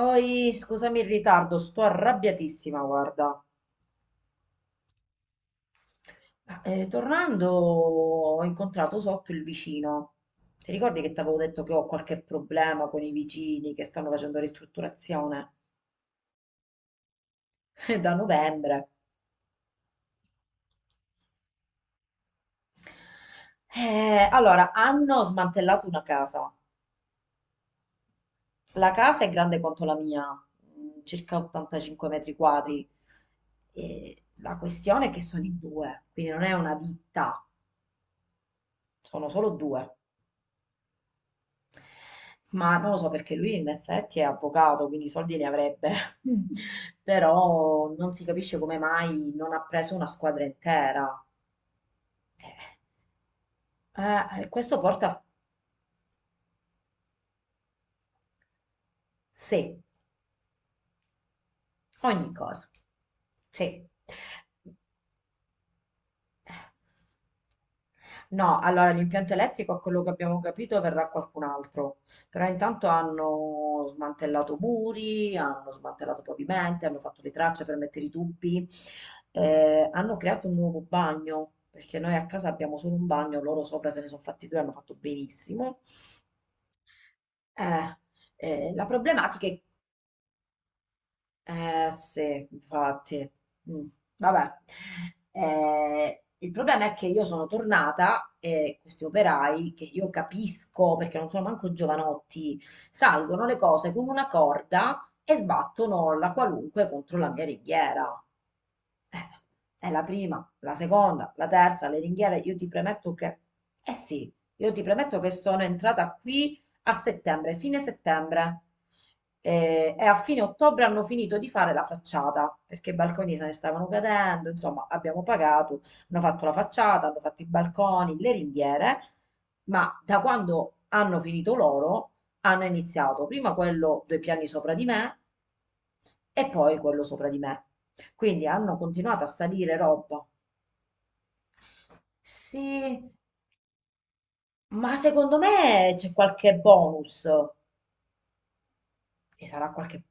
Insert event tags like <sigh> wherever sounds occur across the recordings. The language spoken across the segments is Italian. Oi, scusami il ritardo, sto arrabbiatissima, guarda. Tornando ho incontrato sotto il vicino. Ti ricordi che ti avevo detto che ho qualche problema con i vicini che stanno facendo ristrutturazione? <laughs> Da novembre. Allora, hanno smantellato una casa. La casa è grande quanto la mia, circa 85 metri quadri. E la questione è che sono in due, quindi non è una ditta, sono solo due. Ma non lo so perché lui in effetti è avvocato, quindi i soldi ne avrebbe, <laughs> però non si capisce come mai non ha preso una squadra intera. Questo porta a sé ogni cosa. Sì. No, allora l'impianto elettrico, a quello che abbiamo capito, verrà qualcun altro, però intanto hanno smantellato muri, hanno smantellato pavimenti, hanno fatto le tracce per mettere i tubi, hanno creato un nuovo bagno, perché noi a casa abbiamo solo un bagno, loro sopra se ne sono fatti due, hanno fatto benissimo. Eh, la problematica è. Eh sì, infatti. Mm. Vabbè. Il problema è che io sono tornata e questi operai, che io capisco perché non sono manco giovanotti, salgono le cose con una corda e sbattono la qualunque contro la mia ringhiera. Eh, è la prima, la seconda, la terza, le ringhiere, io ti premetto che... Eh sì, io ti premetto che sono entrata qui a settembre, fine settembre. E, a fine ottobre hanno finito di fare la facciata perché i balconi se ne stavano cadendo. Insomma, abbiamo pagato, hanno fatto la facciata, hanno fatto i balconi, le ringhiere. Ma da quando hanno finito loro, hanno iniziato prima quello due piani sopra di me e poi quello sopra di me. Quindi hanno continuato a salire roba. Sì, ma secondo me c'è qualche bonus. Ci sarà qualche.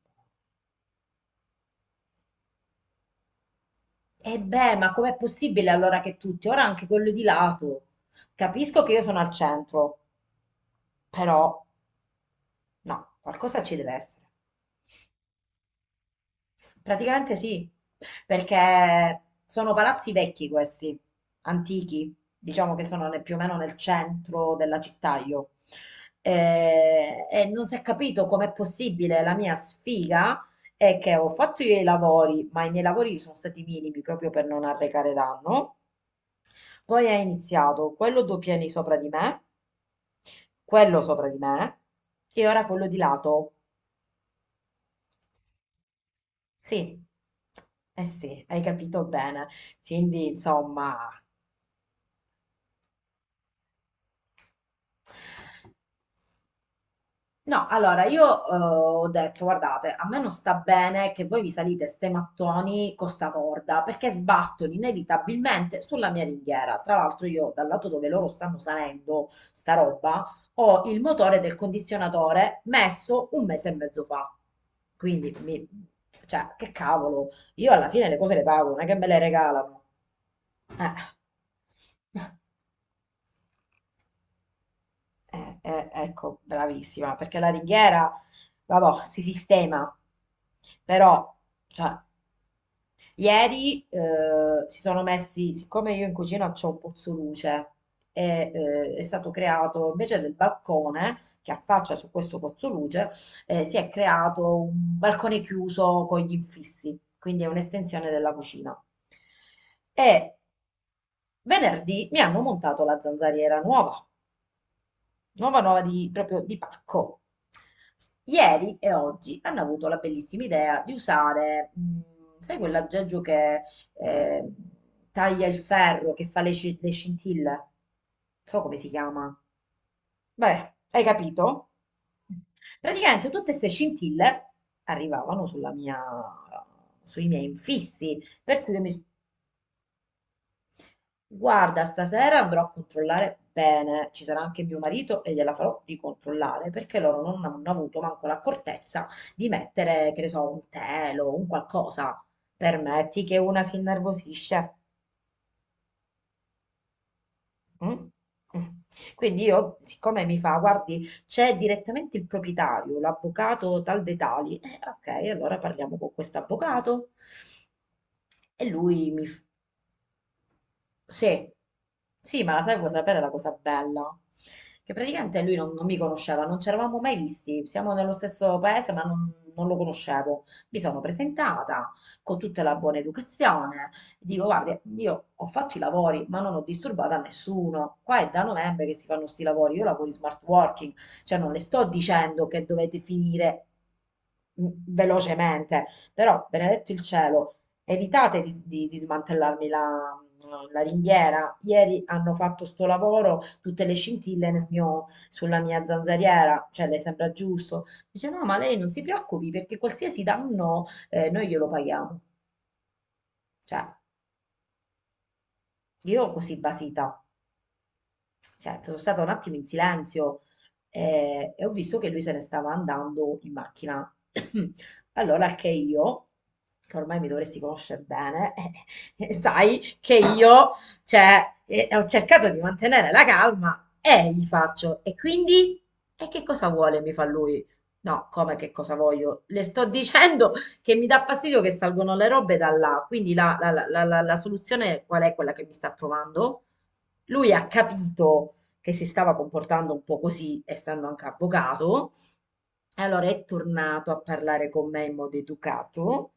E beh, ma com'è possibile allora che tutti, ora anche quello di lato? Capisco che io sono al centro, però no, qualcosa ci deve essere. Praticamente sì, perché sono palazzi vecchi questi, antichi, diciamo che sono più o meno nel centro della città io. Non si è capito com'è possibile la mia sfiga è che ho fatto i lavori, ma i miei lavori sono stati minimi proprio per non arrecare danno. Poi è iniziato quello due piani sopra di me, quello sopra di me e ora quello di lato. Sì, eh sì, hai capito bene, quindi insomma. No, allora io ho detto, guardate, a me non sta bene che voi vi salite ste mattoni con sta corda, perché sbattono inevitabilmente sulla mia ringhiera. Tra l'altro io, dal lato dove loro stanno salendo sta roba, ho il motore del condizionatore messo un mese e mezzo fa. Quindi, cioè, che cavolo, io alla fine le cose le pago, non è che me le regalano. Eh. Ecco, bravissima, perché la ringhiera, vabbò, si sistema, però, cioè, ieri si sono messi, siccome io in cucina c'ho un pozzoluce, e, è stato creato, invece del balcone che affaccia su questo pozzoluce, si è creato un balcone chiuso con gli infissi, quindi è un'estensione della cucina. E venerdì mi hanno montato la zanzariera nuova nuova nuova di, proprio di pacco. Ieri e oggi hanno avuto la bellissima idea di usare, sai quell'aggeggio che eh, taglia il ferro, che fa le, le scintille? Non so come si chiama. Beh, hai capito? Praticamente tutte queste scintille arrivavano sui miei infissi, per cui io mi. Guarda, stasera andrò a controllare bene, ci sarà anche mio marito e gliela farò ricontrollare perché loro non hanno avuto manco l'accortezza di mettere, che ne so, un telo, un qualcosa. Permetti che una si innervosisce. Mm? Mm. Quindi io, siccome mi fa, guardi, c'è direttamente il proprietario, l'avvocato tal dei tali, ok, allora parliamo con quest'avvocato. E lui mi. Sì, sì, ma la sai cosa sapere la cosa bella? Che praticamente lui non, non mi conosceva, non ci eravamo mai visti, siamo nello stesso paese ma non, non lo conoscevo. Mi sono presentata con tutta la buona educazione, dico guarda, io ho fatto i lavori ma non ho disturbato a nessuno, qua è da novembre che si fanno sti lavori, io lavoro in smart working, cioè non le sto dicendo che dovete finire velocemente, però benedetto il cielo. Evitate di, di smantellarmi la, ringhiera. Ieri hanno fatto sto lavoro, tutte le scintille sulla mia zanzariera, cioè le sembra giusto. Dice no, ma lei non si preoccupi perché qualsiasi danno noi glielo paghiamo. Cioè, io così basita. Certo, sono stata un attimo in silenzio e ho visto che lui se ne stava andando in macchina. <clears throat> Allora, anche io, che ormai mi dovresti conoscere bene, <laughs> sai che io, cioè, ho cercato di mantenere la calma e gli faccio, e quindi, e che cosa vuole? Mi fa lui. No, come che cosa voglio? Le sto dicendo che mi dà fastidio che salgono le robe da là, quindi la, la soluzione qual è quella che mi sta trovando? Lui ha capito che si stava comportando un po' così, essendo anche avvocato, e allora è tornato a parlare con me in modo educato.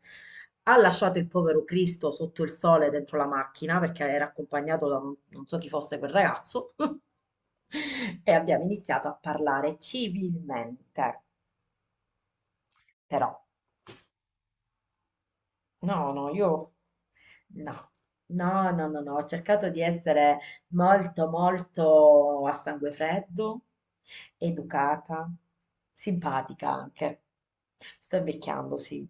Ha lasciato il povero Cristo sotto il sole dentro la macchina perché era accompagnato da non so chi fosse quel ragazzo <laughs> e abbiamo iniziato a parlare civilmente, però. No, no, io no, no, no, no, no, ho cercato di essere molto, molto a sangue freddo, educata, simpatica anche. Sto invecchiando, sì.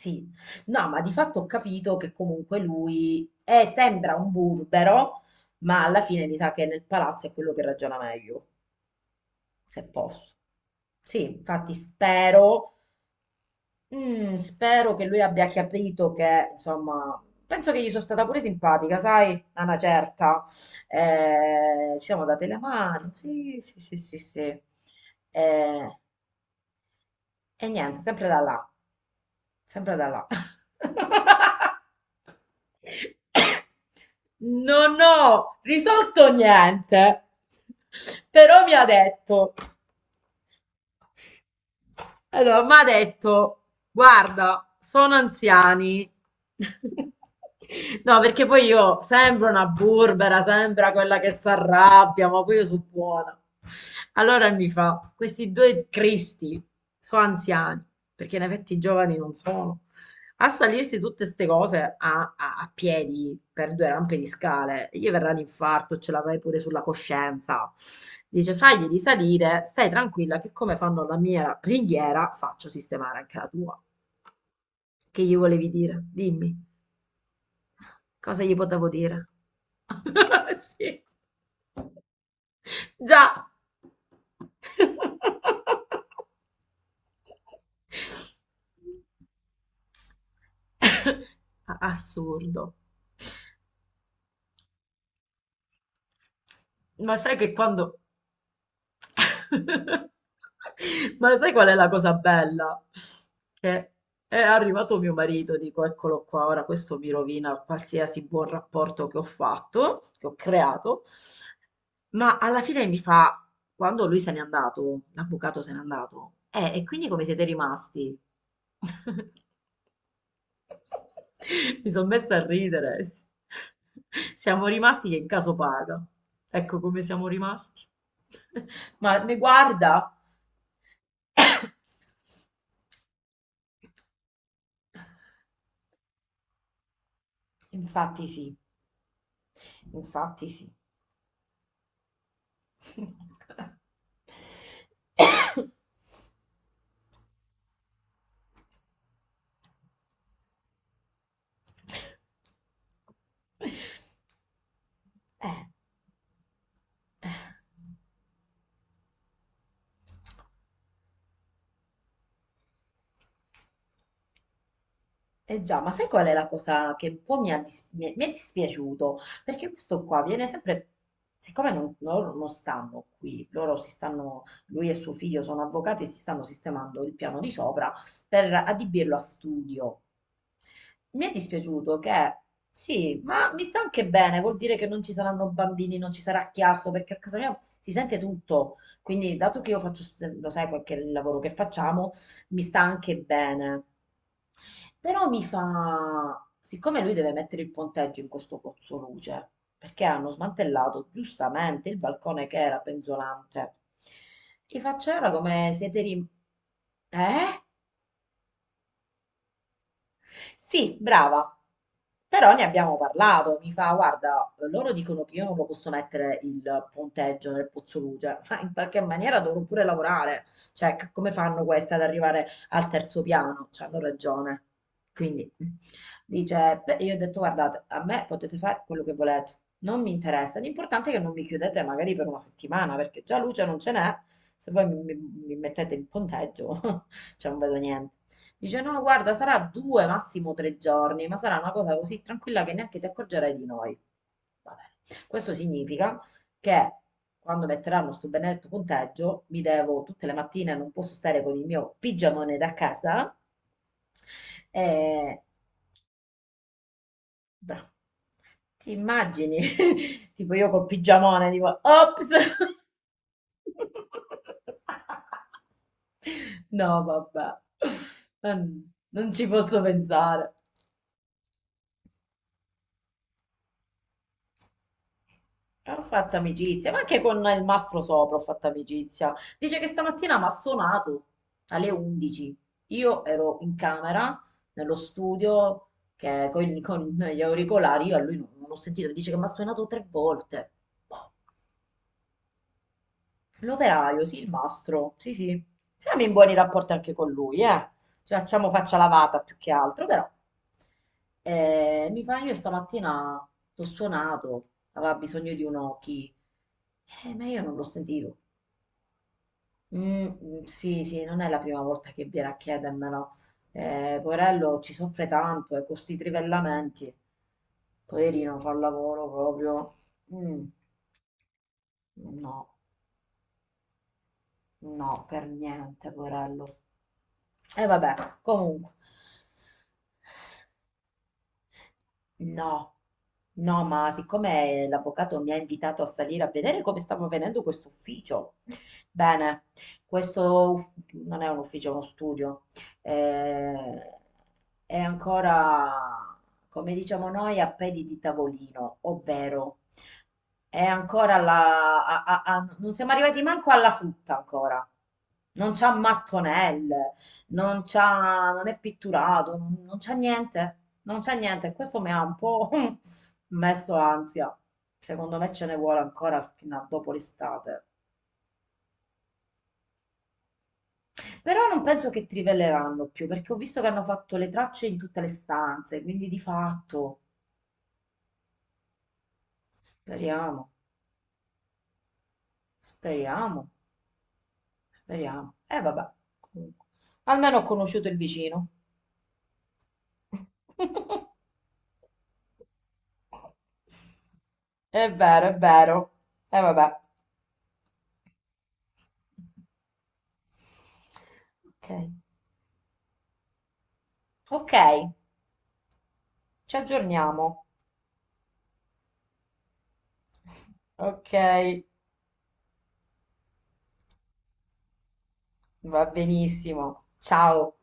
Sì. No, ma di fatto ho capito che comunque sembra un burbero, ma alla fine mi sa che nel palazzo è quello che ragiona meglio, se posso. Sì, infatti spero che lui abbia capito che, insomma, penso che gli sono stata pure simpatica, sai, a una certa. Ci siamo date la mano, sì, sì, sì, sì, sì. Eh, e niente, sempre da là, sempre da là. <laughs> Non ho risolto niente, però mi ha detto. Allora, mi ha detto, guarda, sono anziani. <laughs> No, perché poi io sembro una burbera, sembra quella che si arrabbia, ma poi io sono buona. Allora mi fa, questi due cristi sono anziani, perché in effetti i giovani non sono. A salirsi tutte ste cose a, a piedi per due rampe di scale, gli verrà l'infarto, ce l'avrai pure sulla coscienza. Dice, fagli di salire, stai tranquilla che come fanno la mia ringhiera, faccio sistemare anche la tua. Che gli volevi dire? Dimmi, cosa gli potevo dire? <laughs> Sì, già. <laughs> Assurdo. Ma sai che quando, <laughs> ma sai qual è la cosa bella? Che è arrivato mio marito, dico, eccolo qua, ora questo mi rovina qualsiasi buon rapporto che ho fatto, che ho creato, ma alla fine mi fa, quando lui se n'è andato, l'avvocato se n'è andato, e quindi come siete rimasti? <laughs> Mi sono messa a ridere. Siamo rimasti che in caso paga. Ecco come siamo rimasti. <laughs> Ma mi guarda. Infatti sì, infatti sì. <coughs> <laughs> Eh. Eh già, ma sai qual è la cosa che un po' mi è dispiaciuto? Perché questo qua viene sempre, siccome non, loro non stanno qui, loro si stanno, lui e suo figlio sono avvocati e si stanno sistemando il piano di sopra per adibirlo a studio. Mi è dispiaciuto che, sì, ma mi sta anche bene, vuol dire che non ci saranno bambini, non ci sarà chiasso, perché a casa mia si sente tutto. Quindi, dato che io faccio, lo sai, qualche lavoro che facciamo, mi sta anche bene. Però mi fa, siccome lui deve mettere il ponteggio in questo pozzoluce, perché hanno smantellato giustamente il balcone che era penzolante, gli faccio "Ora come siete rim... Eh? Sì, brava. Però ne abbiamo parlato. Mi fa, guarda, loro dicono che io non lo posso mettere il ponteggio nel Pozzoluce, <laughs> ma in qualche maniera dovrò pure lavorare. Cioè, come fanno queste ad arrivare al terzo piano? Cioè, hanno ragione. Quindi, <laughs> mm. Dice, beh, io ho detto, guardate, a me potete fare quello che volete. Non mi interessa. L'importante è che non mi chiudete magari per una settimana, perché già luce non ce n'è. Se voi mi, mi mettete il ponteggio, <laughs> cioè non vedo niente. Dice, no, guarda, sarà due, massimo 3 giorni, ma sarà una cosa così tranquilla che neanche ti accorgerai di noi. Va bene. Questo significa che quando metteranno sto benedetto punteggio, mi devo tutte le mattine, non posso stare con il mio pigiamone da casa, eh, beh, ti immagini? <laughs> Tipo io col pigiamone, tipo, ops! <laughs> No, vabbè, non, non ci posso pensare. Ho fatto amicizia, ma anche con il mastro sopra ho fatto amicizia. Dice che stamattina mi ha suonato alle 11. Io ero in camera, nello studio, che con gli auricolari, io a lui non, non ho sentito. Mi dice che mi ha suonato tre volte. Boh. L'operaio, sì, il mastro, sì, sì. Siamo in buoni rapporti anche con lui, eh. Ci facciamo faccia lavata più che altro, però. Mi fa, io stamattina t'ho suonato, aveva bisogno di un occhi. Ma io non l'ho sentito. "Mm, mm, sì, sì, non è la prima volta che viene a chiedermelo. Poverello ci soffre tanto, e con sti trivellamenti. Poverino fa un lavoro proprio. Mm, no, no, per niente, poverello. E vabbè, comunque no, no, ma siccome l'avvocato mi ha invitato a salire a vedere come stava venendo quest'ufficio, bene, questo non è un ufficio, è uno studio, eh, è ancora, come diciamo noi, a piedi di tavolino, ovvero è ancora la a- a- a- non siamo arrivati manco alla frutta ancora, non c'ha mattonelle, non c'ha, non è pitturato, non non c'ha niente, non c'è niente, questo mi ha un po' <laughs> messo ansia. Secondo me ce ne vuole ancora fino a dopo l'estate. Però non penso che trivelleranno più, perché ho visto che hanno fatto le tracce in tutte le stanze, quindi di fatto speriamo, speriamo, speriamo. E vabbè, comunque. Almeno ho conosciuto il vicino. <laughs> È vero, è vero. E vabbè. Ok, ok, ci aggiorniamo. Ok, va benissimo. Ciao.